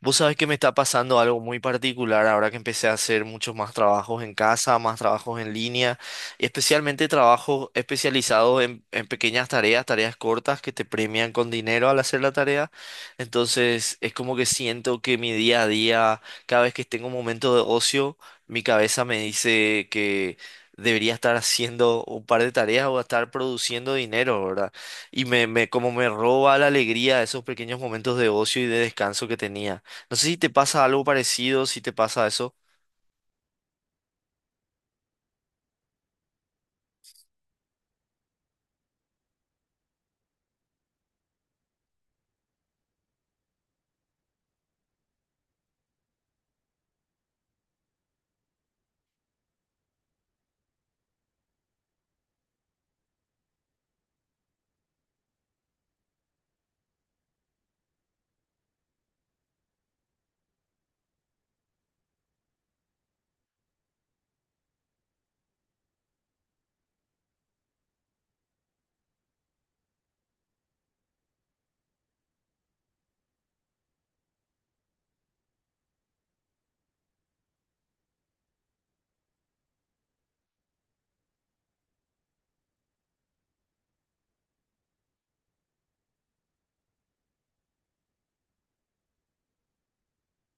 Vos sabés que me está pasando algo muy particular ahora que empecé a hacer muchos más trabajos en casa, más trabajos en línea, y especialmente trabajos especializados en pequeñas tareas, tareas cortas que te premian con dinero al hacer la tarea. Entonces es como que siento que mi día a día, cada vez que tengo un momento de ocio, mi cabeza me dice que debería estar haciendo un par de tareas o estar produciendo dinero, ¿verdad? Y como me roba la alegría de esos pequeños momentos de ocio y de descanso que tenía. No sé si te pasa algo parecido, si te pasa eso.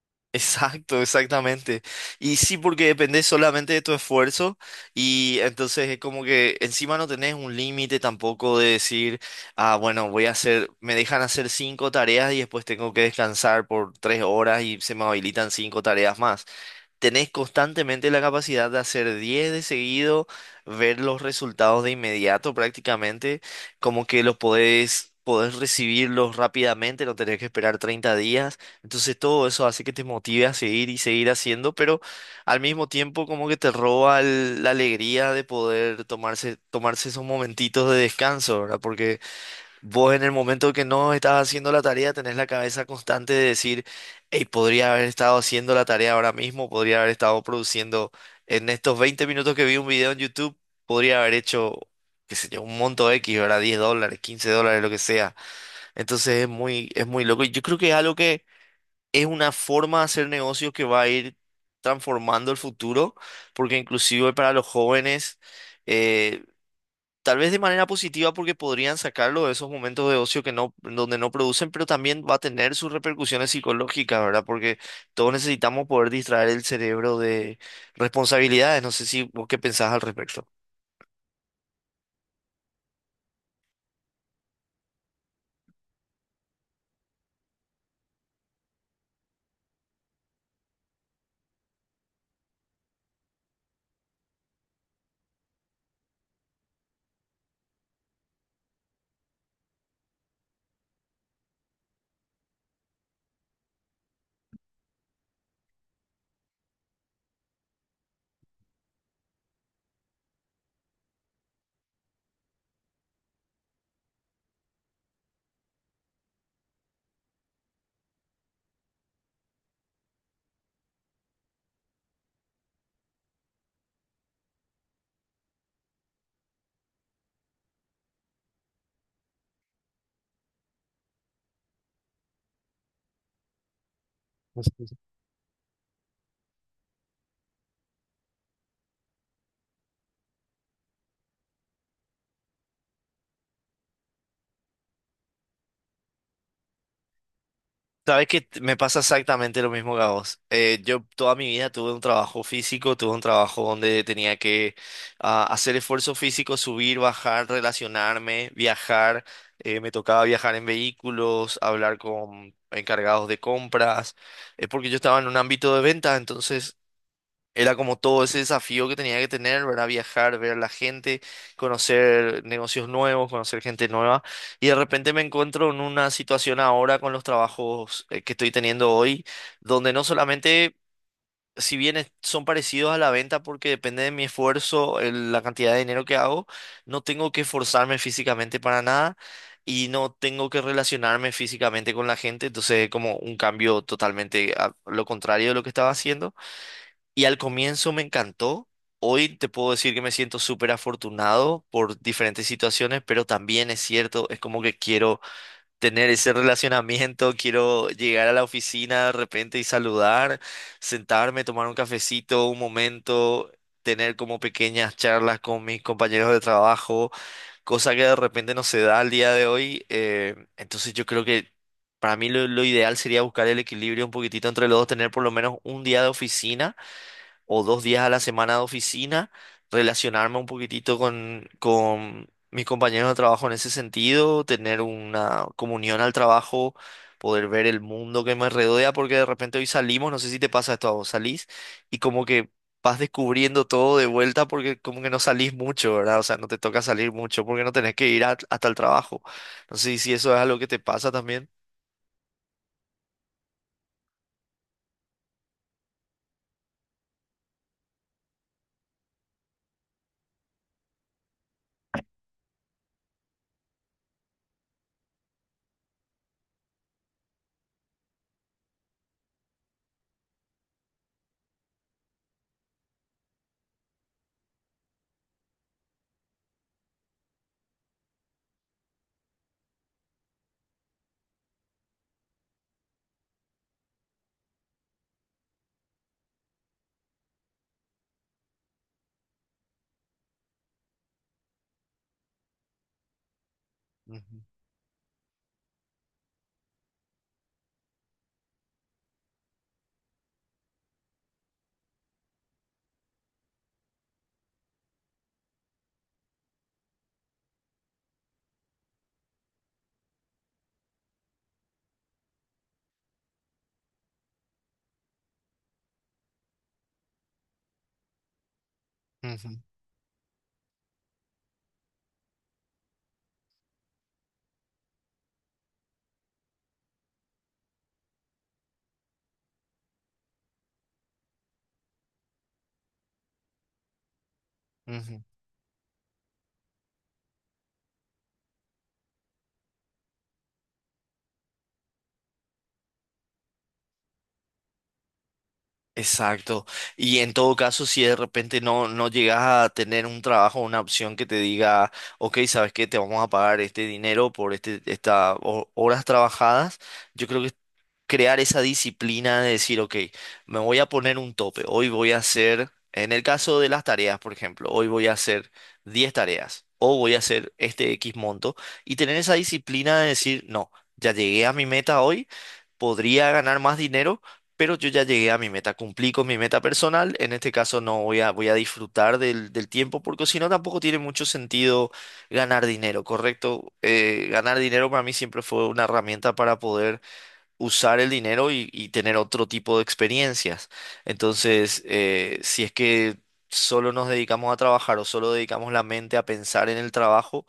Exacto, exactamente. Y sí, porque depende solamente de tu esfuerzo y entonces es como que encima no tenés un límite tampoco de decir, ah, bueno, voy a hacer, me dejan hacer cinco tareas y después tengo que descansar por 3 horas y se me habilitan cinco tareas más. Tenés constantemente la capacidad de hacer 10 de seguido, ver los resultados de inmediato prácticamente, como que los podés recibirlos rápidamente, no tenés que esperar 30 días. Entonces todo eso hace que te motive a seguir y seguir haciendo, pero al mismo tiempo como que te roba la alegría de poder tomarse esos momentitos de descanso, ¿verdad? Porque vos en el momento que no estás haciendo la tarea tenés la cabeza constante de decir, hey, podría haber estado haciendo la tarea ahora mismo, podría haber estado produciendo en estos 20 minutos que vi un video en YouTube, podría haber hecho, qué sé yo, un monto X, ¿verdad? $10, $15, lo que sea. Entonces es muy loco. Y yo creo que es algo que es una forma de hacer negocios que va a ir transformando el futuro, porque inclusive para los jóvenes... eh, tal vez de manera positiva porque podrían sacarlo de esos momentos de ocio que no, donde no producen, pero también va a tener sus repercusiones psicológicas, ¿verdad? Porque todos necesitamos poder distraer el cerebro de responsabilidades. No sé si vos qué pensás al respecto. Sabes que me pasa exactamente lo mismo que a vos. Yo toda mi vida tuve un trabajo físico, tuve un trabajo donde tenía que hacer esfuerzo físico, subir, bajar, relacionarme, viajar. Me tocaba viajar en vehículos, hablar con encargados de compras, porque yo estaba en un ámbito de venta, entonces era como todo ese desafío que tenía que tener, ¿verdad? Viajar, ver a la gente, conocer negocios nuevos, conocer gente nueva. Y de repente me encuentro en una situación ahora con los trabajos que estoy teniendo hoy, donde no solamente, si bien son parecidos a la venta porque depende de mi esfuerzo, la cantidad de dinero que hago, no tengo que esforzarme físicamente para nada y no tengo que relacionarme físicamente con la gente. Entonces, es como un cambio totalmente a lo contrario de lo que estaba haciendo. Y al comienzo me encantó. Hoy te puedo decir que me siento súper afortunado por diferentes situaciones, pero también es cierto, es como que quiero tener ese relacionamiento, quiero llegar a la oficina de repente y saludar, sentarme, tomar un cafecito, un momento, tener como pequeñas charlas con mis compañeros de trabajo, cosa que de repente no se da al día de hoy. Yo creo que para mí lo ideal sería buscar el equilibrio un poquitito entre los dos, tener por lo menos un día de oficina o dos días a la semana de oficina, relacionarme un poquitito con mis compañeros de trabajo en ese sentido, tener una comunión al trabajo, poder ver el mundo que me rodea, porque de repente hoy salimos, no sé si te pasa esto a vos, salís y como que vas descubriendo todo de vuelta porque como que no salís mucho, ¿verdad? O sea, no te toca salir mucho porque no tenés que ir hasta el trabajo. No sé si eso es algo que te pasa también. Ujú, ujú, ujú. Exacto. Y en todo caso, si de repente no llegas a tener un trabajo, una opción que te diga, ok, ¿sabes qué? Te vamos a pagar este dinero por estas horas trabajadas. Yo creo que crear esa disciplina de decir, ok, me voy a poner un tope, hoy voy a hacer, en el caso de las tareas, por ejemplo, hoy voy a hacer 10 tareas o voy a hacer este X monto y tener esa disciplina de decir, no, ya llegué a mi meta hoy, podría ganar más dinero. Pero yo ya llegué a mi meta, cumplí con mi meta personal. En este caso no voy a, voy a disfrutar del tiempo porque si no tampoco tiene mucho sentido ganar dinero, ¿correcto? Ganar dinero para mí siempre fue una herramienta para poder usar el dinero y tener otro tipo de experiencias. Entonces, si es que solo nos dedicamos a trabajar o solo dedicamos la mente a pensar en el trabajo,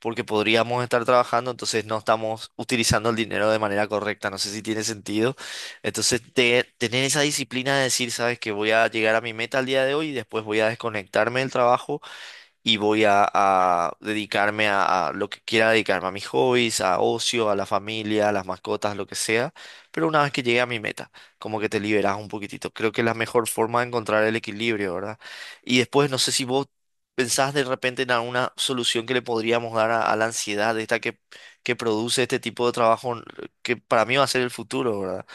porque podríamos estar trabajando, entonces no estamos utilizando el dinero de manera correcta. No sé si tiene sentido. Entonces, tener esa disciplina de decir, sabes que voy a llegar a mi meta al día de hoy y después voy a desconectarme del trabajo y voy a dedicarme a lo que quiera dedicarme, a mis hobbies, a ocio, a la familia, a las mascotas, lo que sea, pero una vez que llegue a mi meta, como que te liberas un poquitito. Creo que es la mejor forma de encontrar el equilibrio, ¿verdad? Y después, no sé si vos pensás de repente en alguna solución que le podríamos dar a la ansiedad esta que produce este tipo de trabajo, que para mí va a ser el futuro, ¿verdad?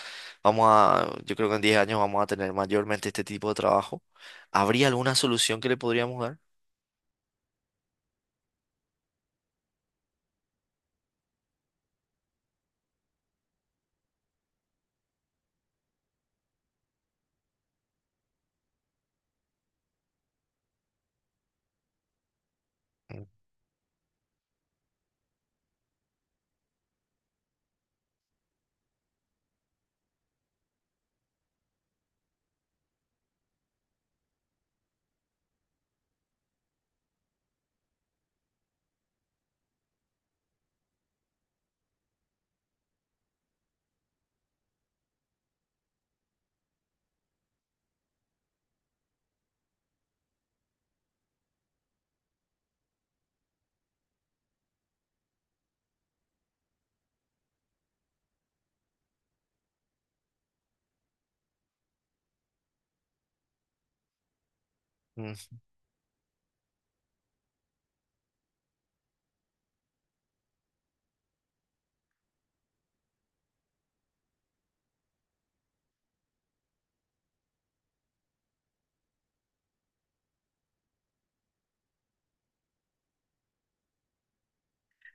Yo creo que en 10 años vamos a tener mayormente este tipo de trabajo. ¿Habría alguna solución que le podríamos dar?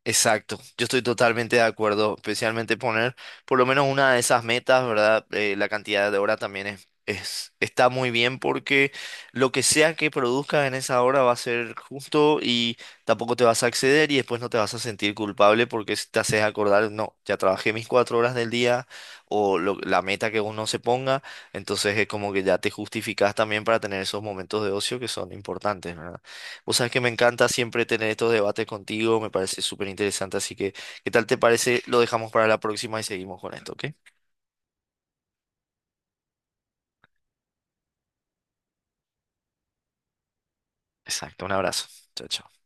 Exacto, yo estoy totalmente de acuerdo, especialmente poner por lo menos una de esas metas, ¿verdad? La cantidad de horas también está muy bien porque lo que sea que produzcas en esa hora va a ser justo y tampoco te vas a exceder y después no te vas a sentir culpable porque si te haces acordar, no, ya trabajé mis 4 horas del día o la meta que uno se ponga, entonces es como que ya te justificas también para tener esos momentos de ocio que son importantes, verdad. Vos sabés que me encanta siempre tener estos debates contigo, me parece súper interesante, así que, ¿qué tal te parece? Lo dejamos para la próxima y seguimos con esto, ¿ok? Exacto, un abrazo. Chao, chao.